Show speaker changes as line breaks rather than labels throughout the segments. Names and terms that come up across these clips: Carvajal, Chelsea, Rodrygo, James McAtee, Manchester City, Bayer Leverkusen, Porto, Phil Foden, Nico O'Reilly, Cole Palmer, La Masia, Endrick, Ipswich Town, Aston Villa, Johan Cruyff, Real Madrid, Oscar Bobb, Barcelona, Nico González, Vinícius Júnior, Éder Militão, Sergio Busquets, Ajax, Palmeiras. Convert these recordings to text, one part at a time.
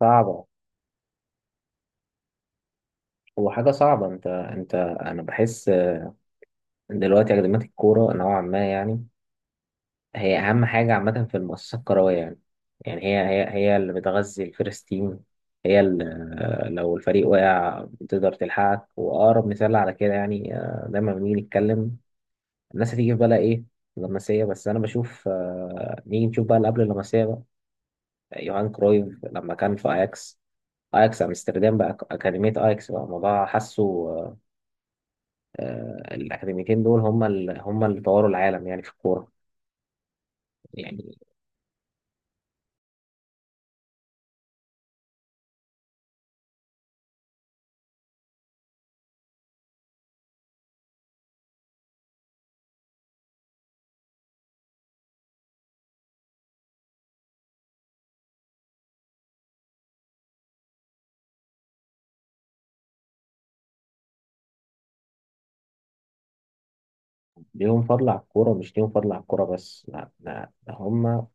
صعبة. هو حاجة صعبة، انت انت انا بحس دلوقتي اكاديمية الكورة نوعا ما، يعني هي اهم حاجة عامة في المؤسسة الكروية يعني. يعني هي اللي بتغذي الفيرست تيم، هي اللي لو الفريق وقع بتقدر تلحقك. واقرب مثال على كده يعني، دايما لما نيجي نتكلم الناس هتيجي في بالها ايه؟ اللمسية. بس انا بشوف، نيجي نشوف بقى اللي قبل اللمسية بقى يوهان كرويف لما كان في اياكس. اياكس امستردام بقى اكاديمية اياكس بقى الموضوع حاسه. آه، الأكاديميتين دول هم هم اللي طوروا العالم يعني في الكورة. يعني ليهم فضل على الكورة، مش ليهم فضل على الكورة بس، لا ده هم،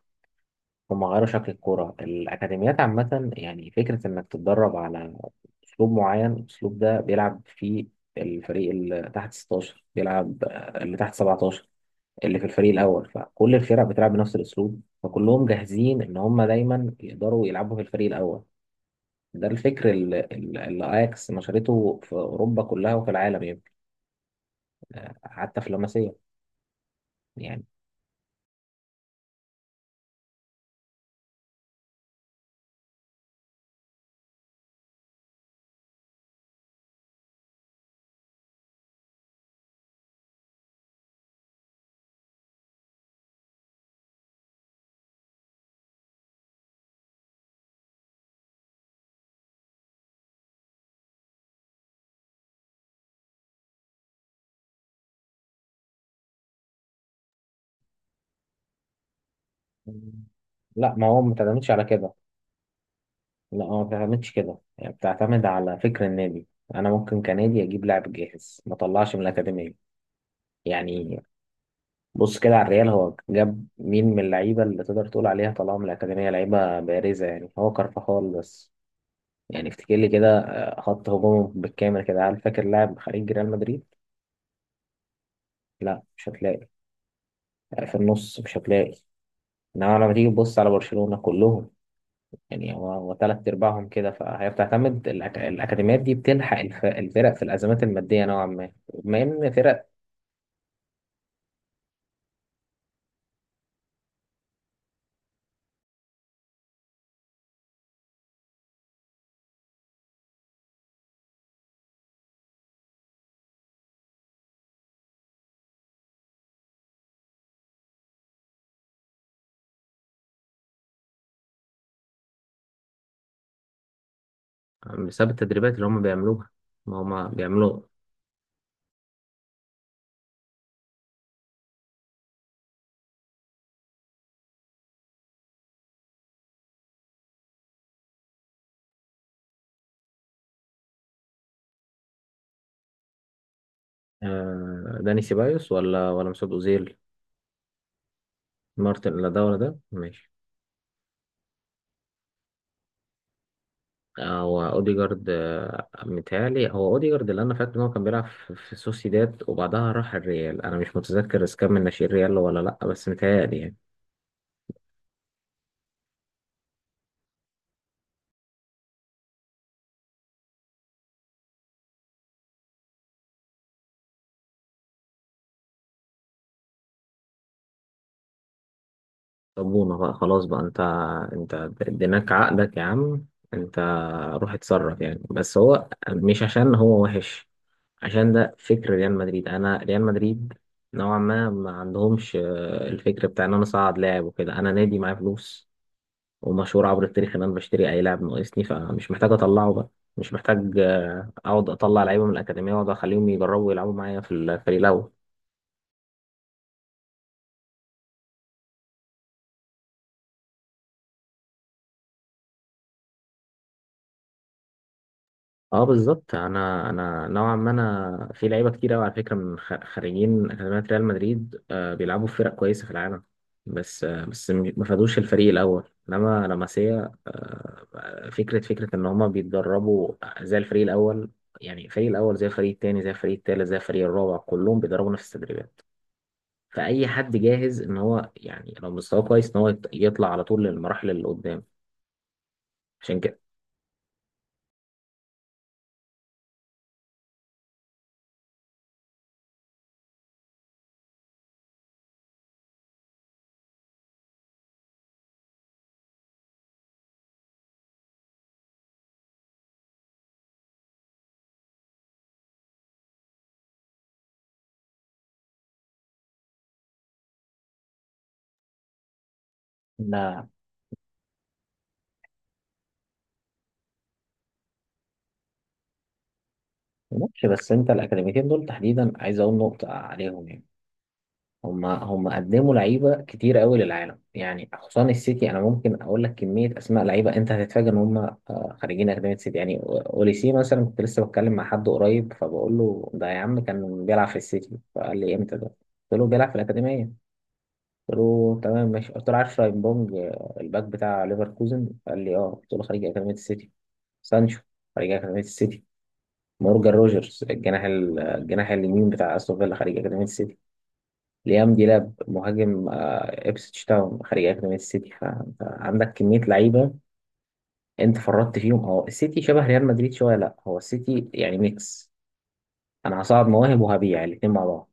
هم غيروا شكل الكورة. الأكاديميات عامة يعني فكرة إنك تتدرب على أسلوب معين. الأسلوب ده بيلعب فيه الفريق اللي تحت 16 بيلعب، اللي تحت 17 اللي في الفريق الأول، فكل الفرق بتلعب بنفس الأسلوب، فكلهم جاهزين إن هم دايما يقدروا يلعبوا في الفريق الأول. ده الفكر اللي اياكس نشرته في اوروبا كلها وفي العالم يمكن، حتى في لاماسيا يعني. لا ما هو ما بتعتمدش على كده، لا هو ما بتعتمدش كده، يعني بتعتمد على فكر النادي. انا ممكن كنادي اجيب لاعب جاهز ما طلعش من الاكاديميه. يعني بص كده على الريال، هو جاب مين من اللعيبه اللي تقدر تقول عليها طلعوا من الاكاديميه لعيبه بارزه؟ يعني هو كارفاخال بس. يعني افتكر لي كده، خط هجومه بالكامل كده، هل فاكر لاعب خارج ريال مدريد؟ لا مش هتلاقي. في النص مش هتلاقي. انما لما تيجي تبص على برشلونة كلهم، يعني هو تلات ارباعهم كده. فهي بتعتمد الاكاديميات دي بتلحق الفرق في الازمات الماديه نوعا ما، بما ان فرق بسبب التدريبات اللي هم بيعملوها. ما هم بيعملوا. داني سيبايوس ولا مسعود اوزيل؟ مارتن، لا ده ولا ده، ماشي. هو اوديجارد، متهيألي هو اوديجارد اللي انا فاكر ان هو كان بيلعب في سوسيداد وبعدها راح الريال. انا مش متذكر اذا كان من ناشئين الريال ولا لا، بس متهيألي يعني. صبونة بقى خلاص بقى انت، انت اديناك عقدك يا عم، انت روح اتصرف يعني. بس هو مش عشان هو وحش، عشان ده فكر ريال مدريد. انا ريال مدريد نوعا ما ما عندهمش، الفكر بتاع ان انا اصعد لاعب وكده. انا نادي معايا فلوس ومشهور عبر التاريخ ان انا بشتري اي لاعب ناقصني، فمش محتاج اطلعه بقى. مش محتاج، اقعد اطلع لعيبه من الاكاديميه واقعد اخليهم يجربوا يلعبوا معايا في الفريق الاول. اه بالظبط. انا نوعا ما، انا في لعيبه كتير قوي على فكره من خريجين اكاديميه ريال مدريد، آه بيلعبوا في فرق كويسه في العالم، بس آه بس ما خدوش الفريق الاول. انما لاماسيا آه فكره ان هما بيتدربوا زي الفريق الاول، يعني الفريق الاول زي الفريق التاني زي الفريق التالت زي الفريق الرابع، كلهم بيدربوا نفس التدريبات. فاي حد جاهز ان هو، يعني لو مستواه كويس ان هو يطلع على طول للمراحل اللي قدام عشان كده. ماشي بس انت الاكاديميتين دول تحديدا عايز اقول نقطه عليهم، يعني هم قدموا لعيبه كتير قوي للعالم يعني، خصوصا السيتي. انا ممكن اقول لك كميه اسماء لعيبه انت هتتفاجئ ان هم، خريجين اكاديميه سيتي. يعني اوليسي مثلا، كنت لسه بتكلم مع حد قريب فبقول له ده يا عم كان بيلعب في السيتي، فقال لي امتى ده؟ قلت له بيلعب في الاكاديميه. قلت له تمام ماشي. قلت له عارف شاينبونج، الباك بتاع ليفركوزن؟ قال لي اه. قلت له خريج اكاديميه السيتي. سانشو خريج اكاديميه السيتي. مورجان روجرز الجناح الجناح اليمين بتاع استون فيلا خارج اكاديميه السيتي. ليام ديلاب مهاجم، إبسيتش تاون خارج اكاديميه السيتي. فانت عندك كميه لعيبه انت فرطت فيهم. هو السيتي شبه ريال مدريد شويه. لا هو السيتي يعني ميكس، انا هصعد مواهب وهبيع الاثنين مع بعض.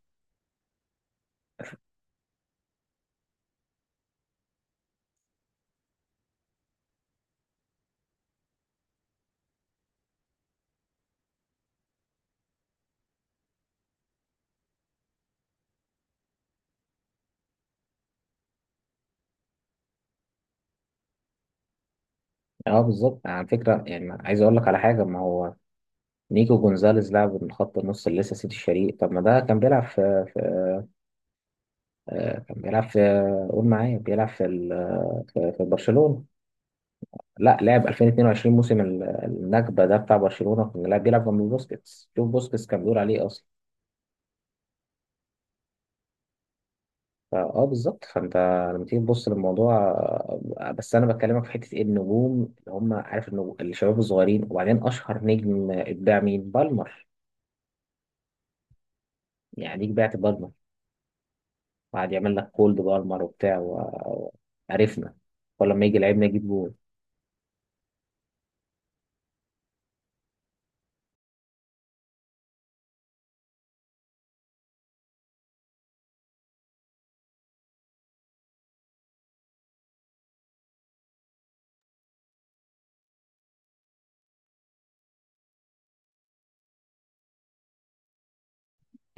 اه بالظبط على فكره. يعني عايز اقول لك على حاجه، ما هو نيكو جونزاليز لعب من خط النص اللي لسه سيتي الشريق. طب ما ده كان بيلعب في, في كان بيلعب في، قول معايا بيلعب في ال- في في برشلونه. لا، لعب 2022 موسم النكبه ده بتاع برشلونه، كان لا بيلعب جنب بوسكيتس. شوف بوسكيتس كان بيقول عليه اصلا. فاه بالظبط. فانت لما تيجي تبص للموضوع، بس انا بكلمك في حته إيه النجوم اللي هم عارف، النجوم الشباب الصغيرين، وبعدين اشهر نجم اتباع مين؟ بالمر. يعني ليك بعت بالمر وقعد يعمل لك كولد بالمر وبتاع وعرفنا. ولما يجي لعيب نجيب جول.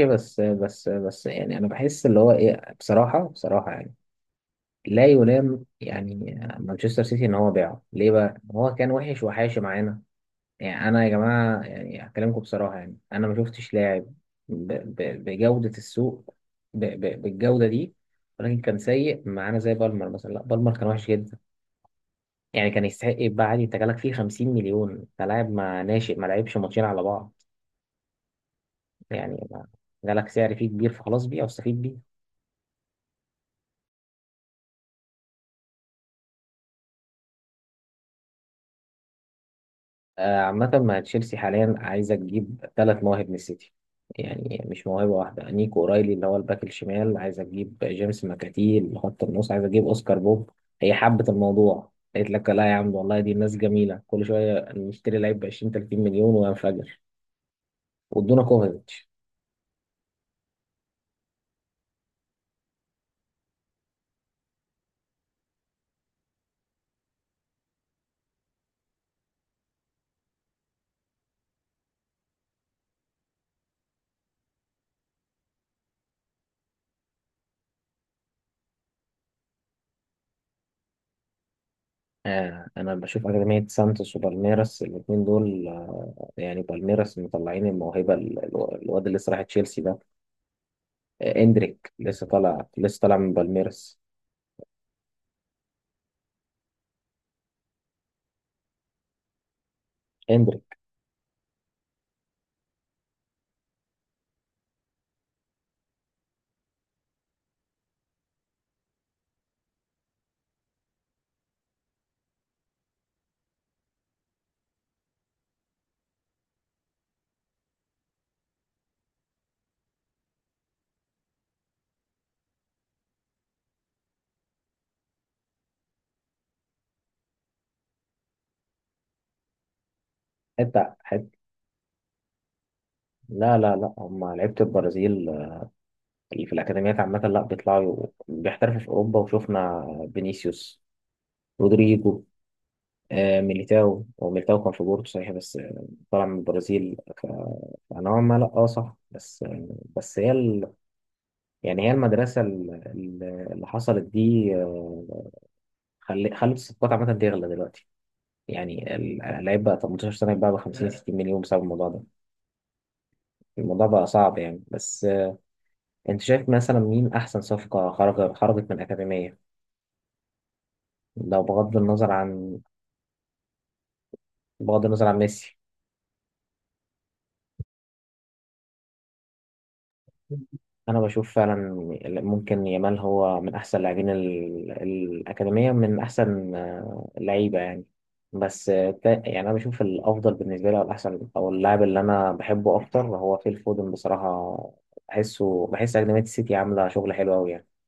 ايه بس يعني انا بحس اللي هو ايه بصراحه، يعني لا يلام يعني. مانشستر سيتي ان هو باعه ليه بقى؟ هو كان وحش وحاشي معانا؟ يعني انا يا جماعه يعني هكلمكم بصراحه يعني. انا ما شفتش لاعب ب- بجوده السوق، بالجوده دي. ولكن كان سيء معانا زي بالمر مثلا، لا بالمر كان وحش جدا يعني. كان يستحق يتباع عادي. انت جالك فيه 50 مليون، انت لاعب ما ناشئ ما لعبش ماتشين على بعض، يعني جالك سعر فيه كبير، فخلاص بيع واستفيد بيه. عامة مع تشيلسي حاليا عايزة تجيب ثلاث مواهب من السيتي، يعني مش موهبة واحدة. نيكو أورايلي اللي هو الباك الشمال، عايزة تجيب جيمس ماكاتي اللي خط النص، عايزة تجيب أوسكار بوب. هي حبت الموضوع، قالت لك لا يا عم والله دي ناس جميلة، كل شوية نشتري لعيب ب 20 30 مليون وينفجر. وادونا كوفيتش. آه أنا بشوف أكاديمية سانتوس وبالميراس الاتنين دول آه. يعني بالميراس مطلعين الموهبة الواد اللي لسه راح تشيلسي ده، آه إندريك لسه طالع، لسه طالع من بالميراس. حتة حتة. لا هم لعيبة البرازيل اللي في الأكاديميات عامة لا بيطلعوا بيحترفوا في أوروبا. وشفنا فينيسيوس، رودريجو، ميليتاو. هو ميليتاو كان في بورتو صحيح بس، طلع من البرازيل فنوعا ما لا اه صح، بس بس يعني هي المدرسة اللي حصلت دي، خلت الصفقات عامة تغلى دلوقتي. يعني اللعيب بقى 18 سنة يتباع ب 50 60 مليون بسبب الموضوع ده. الموضوع بقى صعب يعني. بس انت شايف مثلا مين احسن صفقة خرجت من الأكاديمية لو بغض النظر عن ميسي؟ انا بشوف فعلا ممكن يامال هو من احسن لاعبين الأكاديمية، من احسن لعيبة يعني. بس آه، يعني انا بشوف الافضل بالنسبة لي، او الاحسن، او اللاعب اللي انا بحبه اكتر هو فيل فودن بصراحة. بحس أكاديمية السيتي عاملة شغل حلو قوي يعني.